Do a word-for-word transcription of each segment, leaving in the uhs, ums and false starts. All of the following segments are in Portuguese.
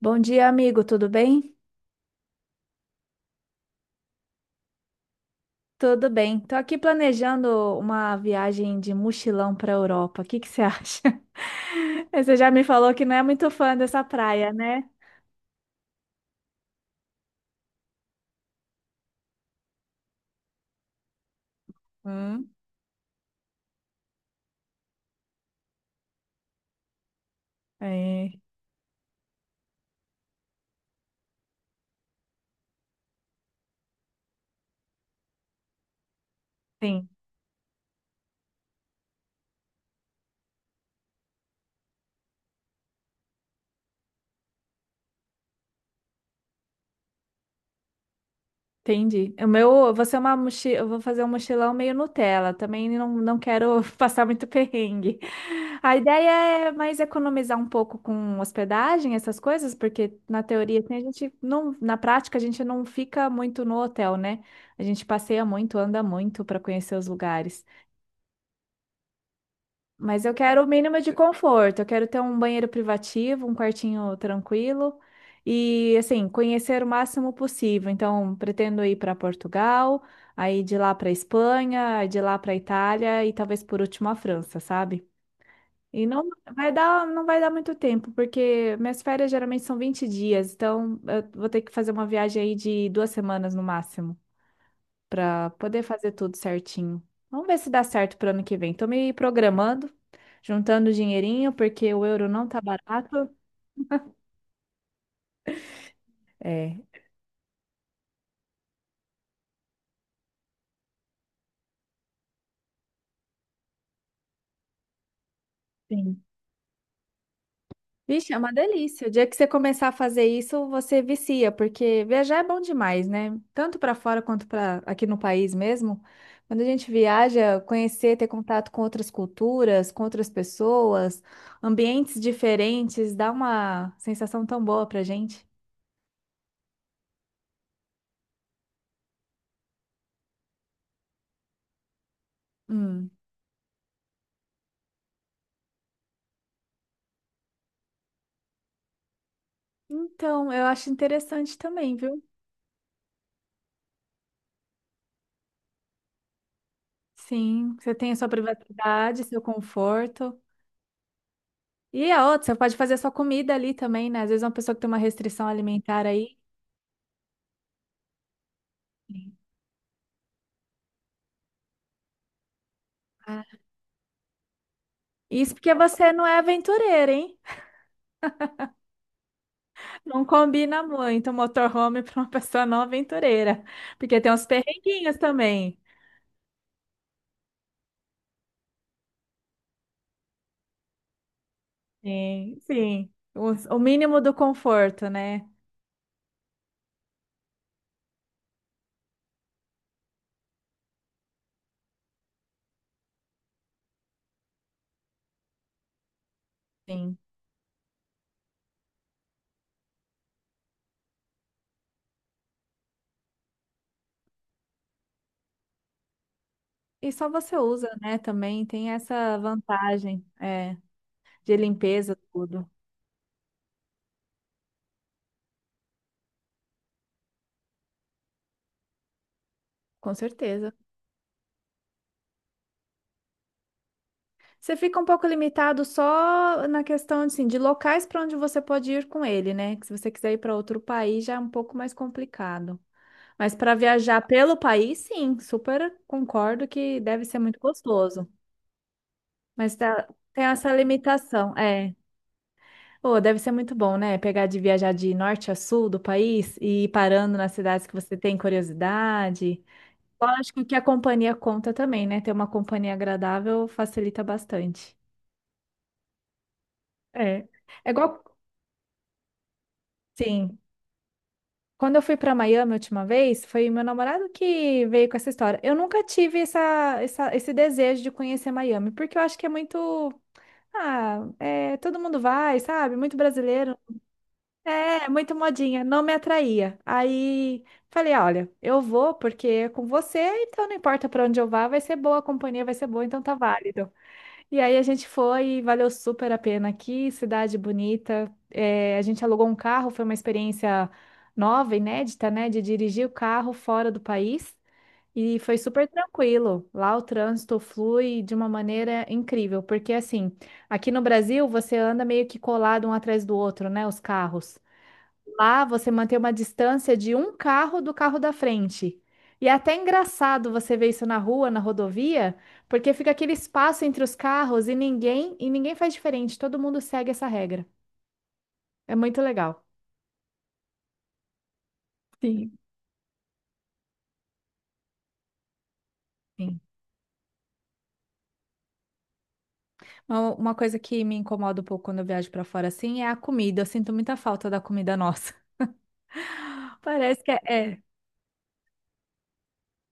Bom dia, amigo, tudo bem? Tudo bem. Tô aqui planejando uma viagem de mochilão para a Europa. O que que você acha? Você já me falou que não é muito fã dessa praia, né? Hum? É, sim. Entendi. O meu, você é uma mochila, eu vou fazer um mochilão meio Nutella. Também não, não quero passar muito perrengue. A ideia é mais economizar um pouco com hospedagem, essas coisas, porque na teoria assim, a gente não, na prática a gente não fica muito no hotel, né? A gente passeia muito, anda muito para conhecer os lugares. Mas eu quero o mínimo de conforto. Eu quero ter um banheiro privativo, um quartinho tranquilo e, assim, conhecer o máximo possível. Então, pretendo ir para Portugal, aí de lá para Espanha, aí de lá para Itália e talvez por último a França, sabe? E não vai dar, não vai dar muito tempo, porque minhas férias geralmente são vinte dias, então eu vou ter que fazer uma viagem aí de duas semanas no máximo para poder fazer tudo certinho. Vamos ver se dá certo para ano que vem. Tô me programando, juntando dinheirinho, porque o euro não tá barato. É, sim. Vixe, é uma delícia. O dia que você começar a fazer isso, você vicia, porque viajar é bom demais, né? Tanto para fora quanto para aqui no país mesmo. Quando a gente viaja, conhecer, ter contato com outras culturas, com outras pessoas, ambientes diferentes, dá uma sensação tão boa pra gente. Hum. Então, eu acho interessante também, viu? Sim, você tem a sua privacidade, seu conforto. E a outra, você pode fazer a sua comida ali também, né? Às vezes uma pessoa que tem uma restrição alimentar aí. Sim. Ah, isso porque você não é aventureira, hein? Não combina muito motorhome para uma pessoa não aventureira. Porque tem uns perrenguinhos também. Sim, sim. Os- O mínimo do conforto, né? Sim. E só você usa, né? Também tem essa vantagem, é, de limpeza, tudo. Com certeza. Você fica um pouco limitado só na questão assim, de locais para onde você pode ir com ele, né? Que se você quiser ir para outro país já é um pouco mais complicado. Mas para viajar pelo país, sim, super concordo que deve ser muito gostoso. Mas tá- Tem essa limitação, é. Oh, deve ser muito bom, né? Pegar de viajar de norte a sul do país e ir parando nas cidades que você tem curiosidade. Eu acho que o que a companhia conta também, né? Ter uma companhia agradável facilita bastante. É. É igual, sim. Quando eu fui para Miami a última vez, foi meu namorado que veio com essa história. Eu nunca tive essa, essa- esse desejo de conhecer Miami, porque eu acho que é muito. Ah, é, todo mundo vai, sabe? Muito brasileiro. É, muito modinha. Não me atraía. Aí falei: "Ah, olha, eu vou porque é com você, então não importa para onde eu vá, vai ser boa a companhia, vai ser boa, então tá válido. E aí a gente foi e valeu super a pena. Aqui, cidade bonita. É, a gente alugou um carro, foi uma experiência nova, inédita, né? De dirigir o carro fora do país. E foi super tranquilo. Lá o trânsito flui de uma maneira incrível, porque assim, aqui no Brasil você anda meio que colado um atrás do outro, né? Os carros. Lá você mantém uma distância de um carro do carro da frente. E é até engraçado você ver isso na rua, na rodovia, porque fica aquele espaço entre os carros e ninguém e ninguém faz diferente. Todo mundo segue essa regra. É muito legal. Sim. Sim. Uma uma coisa que me incomoda um pouco quando eu viajo para fora assim é a comida. Eu sinto muita falta da comida nossa. Parece que é, é,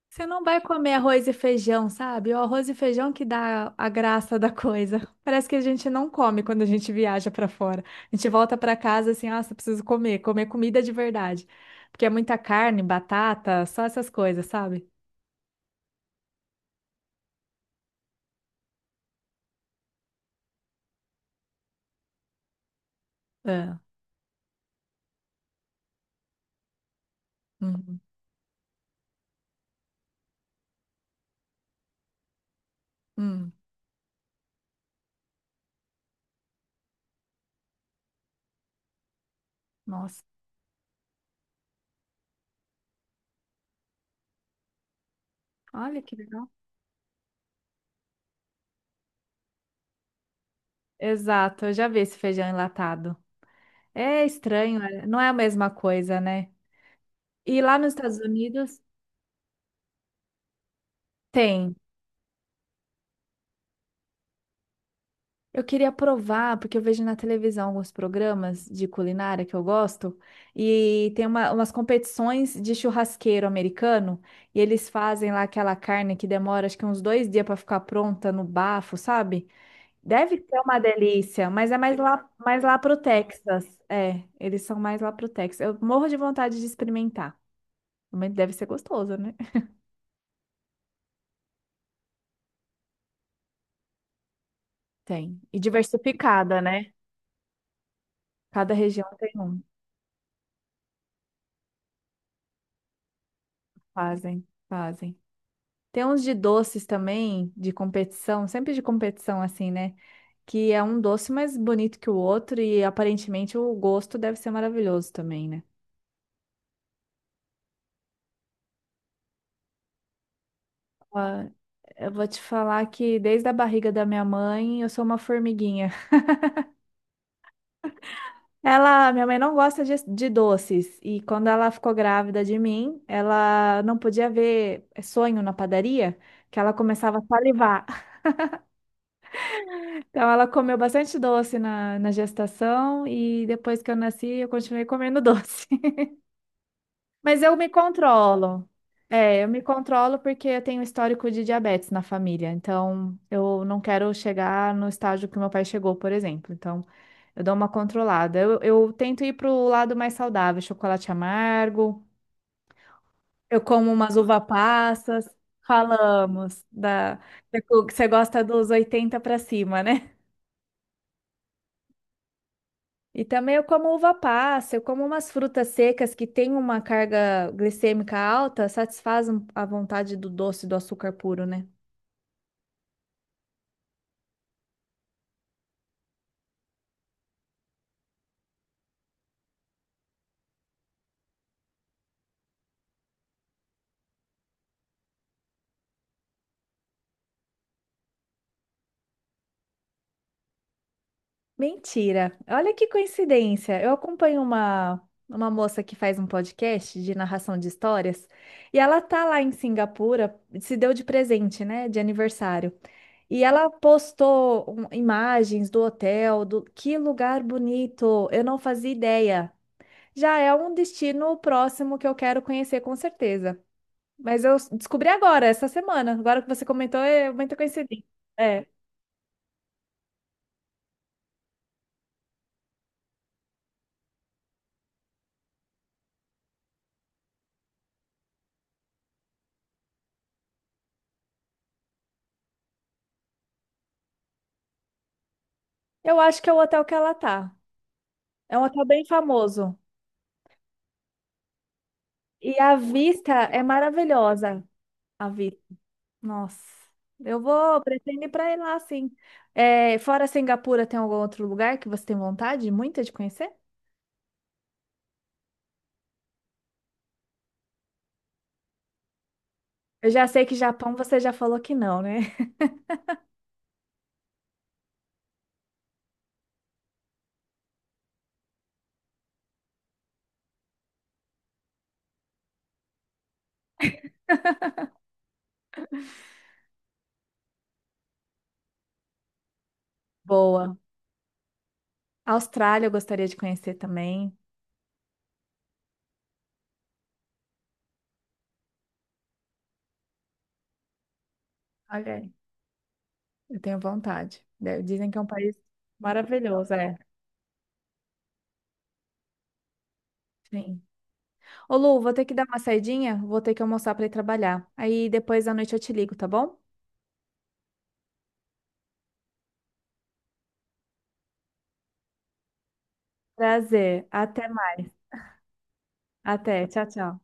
você não vai comer arroz e feijão, sabe? O arroz e feijão que dá a graça da coisa. Parece que a gente não come quando a gente viaja pra fora. A gente volta pra casa assim, nossa, preciso comer, comer comida de verdade. Porque é muita carne, batata, só essas coisas, sabe? É. Uhum. Hum. Nossa, olha que legal. Exato, eu já vi esse feijão enlatado. É estranho, é- não é a mesma coisa, né? E lá nos Estados Unidos tem. Eu queria provar, porque eu vejo na televisão alguns programas de culinária que eu gosto, e tem uma- umas competições de churrasqueiro americano, e eles fazem lá aquela carne que demora acho que uns dois dias para ficar pronta no bafo, sabe? Deve ser uma delícia, mas é mais lá, mais lá pro Texas. É, eles são mais lá pro Texas. Eu morro de vontade de experimentar. Mas deve ser gostoso, né? Tem. E diversificada, né? Cada região tem um. Fazem, fazem. Tem uns de doces também, de competição, sempre de competição assim, né? Que é um doce mais bonito que o outro e aparentemente o gosto deve ser maravilhoso também, né? Ó, eu vou te falar que desde a barriga da minha mãe eu sou uma formiguinha. Ela, minha mãe não gosta de, de doces e quando ela ficou grávida de mim, ela não podia ver sonho na padaria, que ela começava a salivar. Então ela comeu bastante doce na, na gestação e depois que eu nasci eu continuei comendo doce. Mas eu me controlo. É, eu me controlo porque eu tenho histórico de diabetes na família. Então, eu não quero chegar no estágio que meu pai chegou, por exemplo. Então, eu dou uma controlada. Eu, eu tento ir pro lado mais saudável, chocolate amargo. Eu como umas uva passas. Falamos da... Você gosta dos oitenta para cima, né? E também eu como uva passa, eu como umas frutas secas que têm uma carga glicêmica alta, satisfazem a vontade do doce do açúcar puro, né? Mentira! Olha que coincidência! Eu acompanho uma, uma moça que faz um podcast de narração de histórias e ela tá lá em Singapura, se deu de presente, né? De aniversário. E ela postou um- imagens do hotel, do que lugar bonito! Eu não fazia ideia. Já é um destino próximo que eu quero conhecer com certeza. Mas eu descobri agora, essa semana. Agora que você comentou, é muita coincidência. É. Eu acho que é o hotel que ela tá. É um hotel bem famoso. E a vista é maravilhosa. A vista. Nossa. Eu vou, pretendo ir pra ir lá, sim. É, fora Singapura, tem algum outro lugar que você tem vontade muita de conhecer? Eu já sei que Japão você já falou que não, né? Boa. Austrália eu gostaria de conhecer também. Olha aí. Eu tenho vontade. De- dizem que é um país maravilhoso, é. Sim. Ô, Lu, vou ter que dar uma saidinha, vou ter que almoçar para ir trabalhar. Aí depois da noite eu te ligo, tá bom? Prazer. Até mais. Até. Tchau, tchau.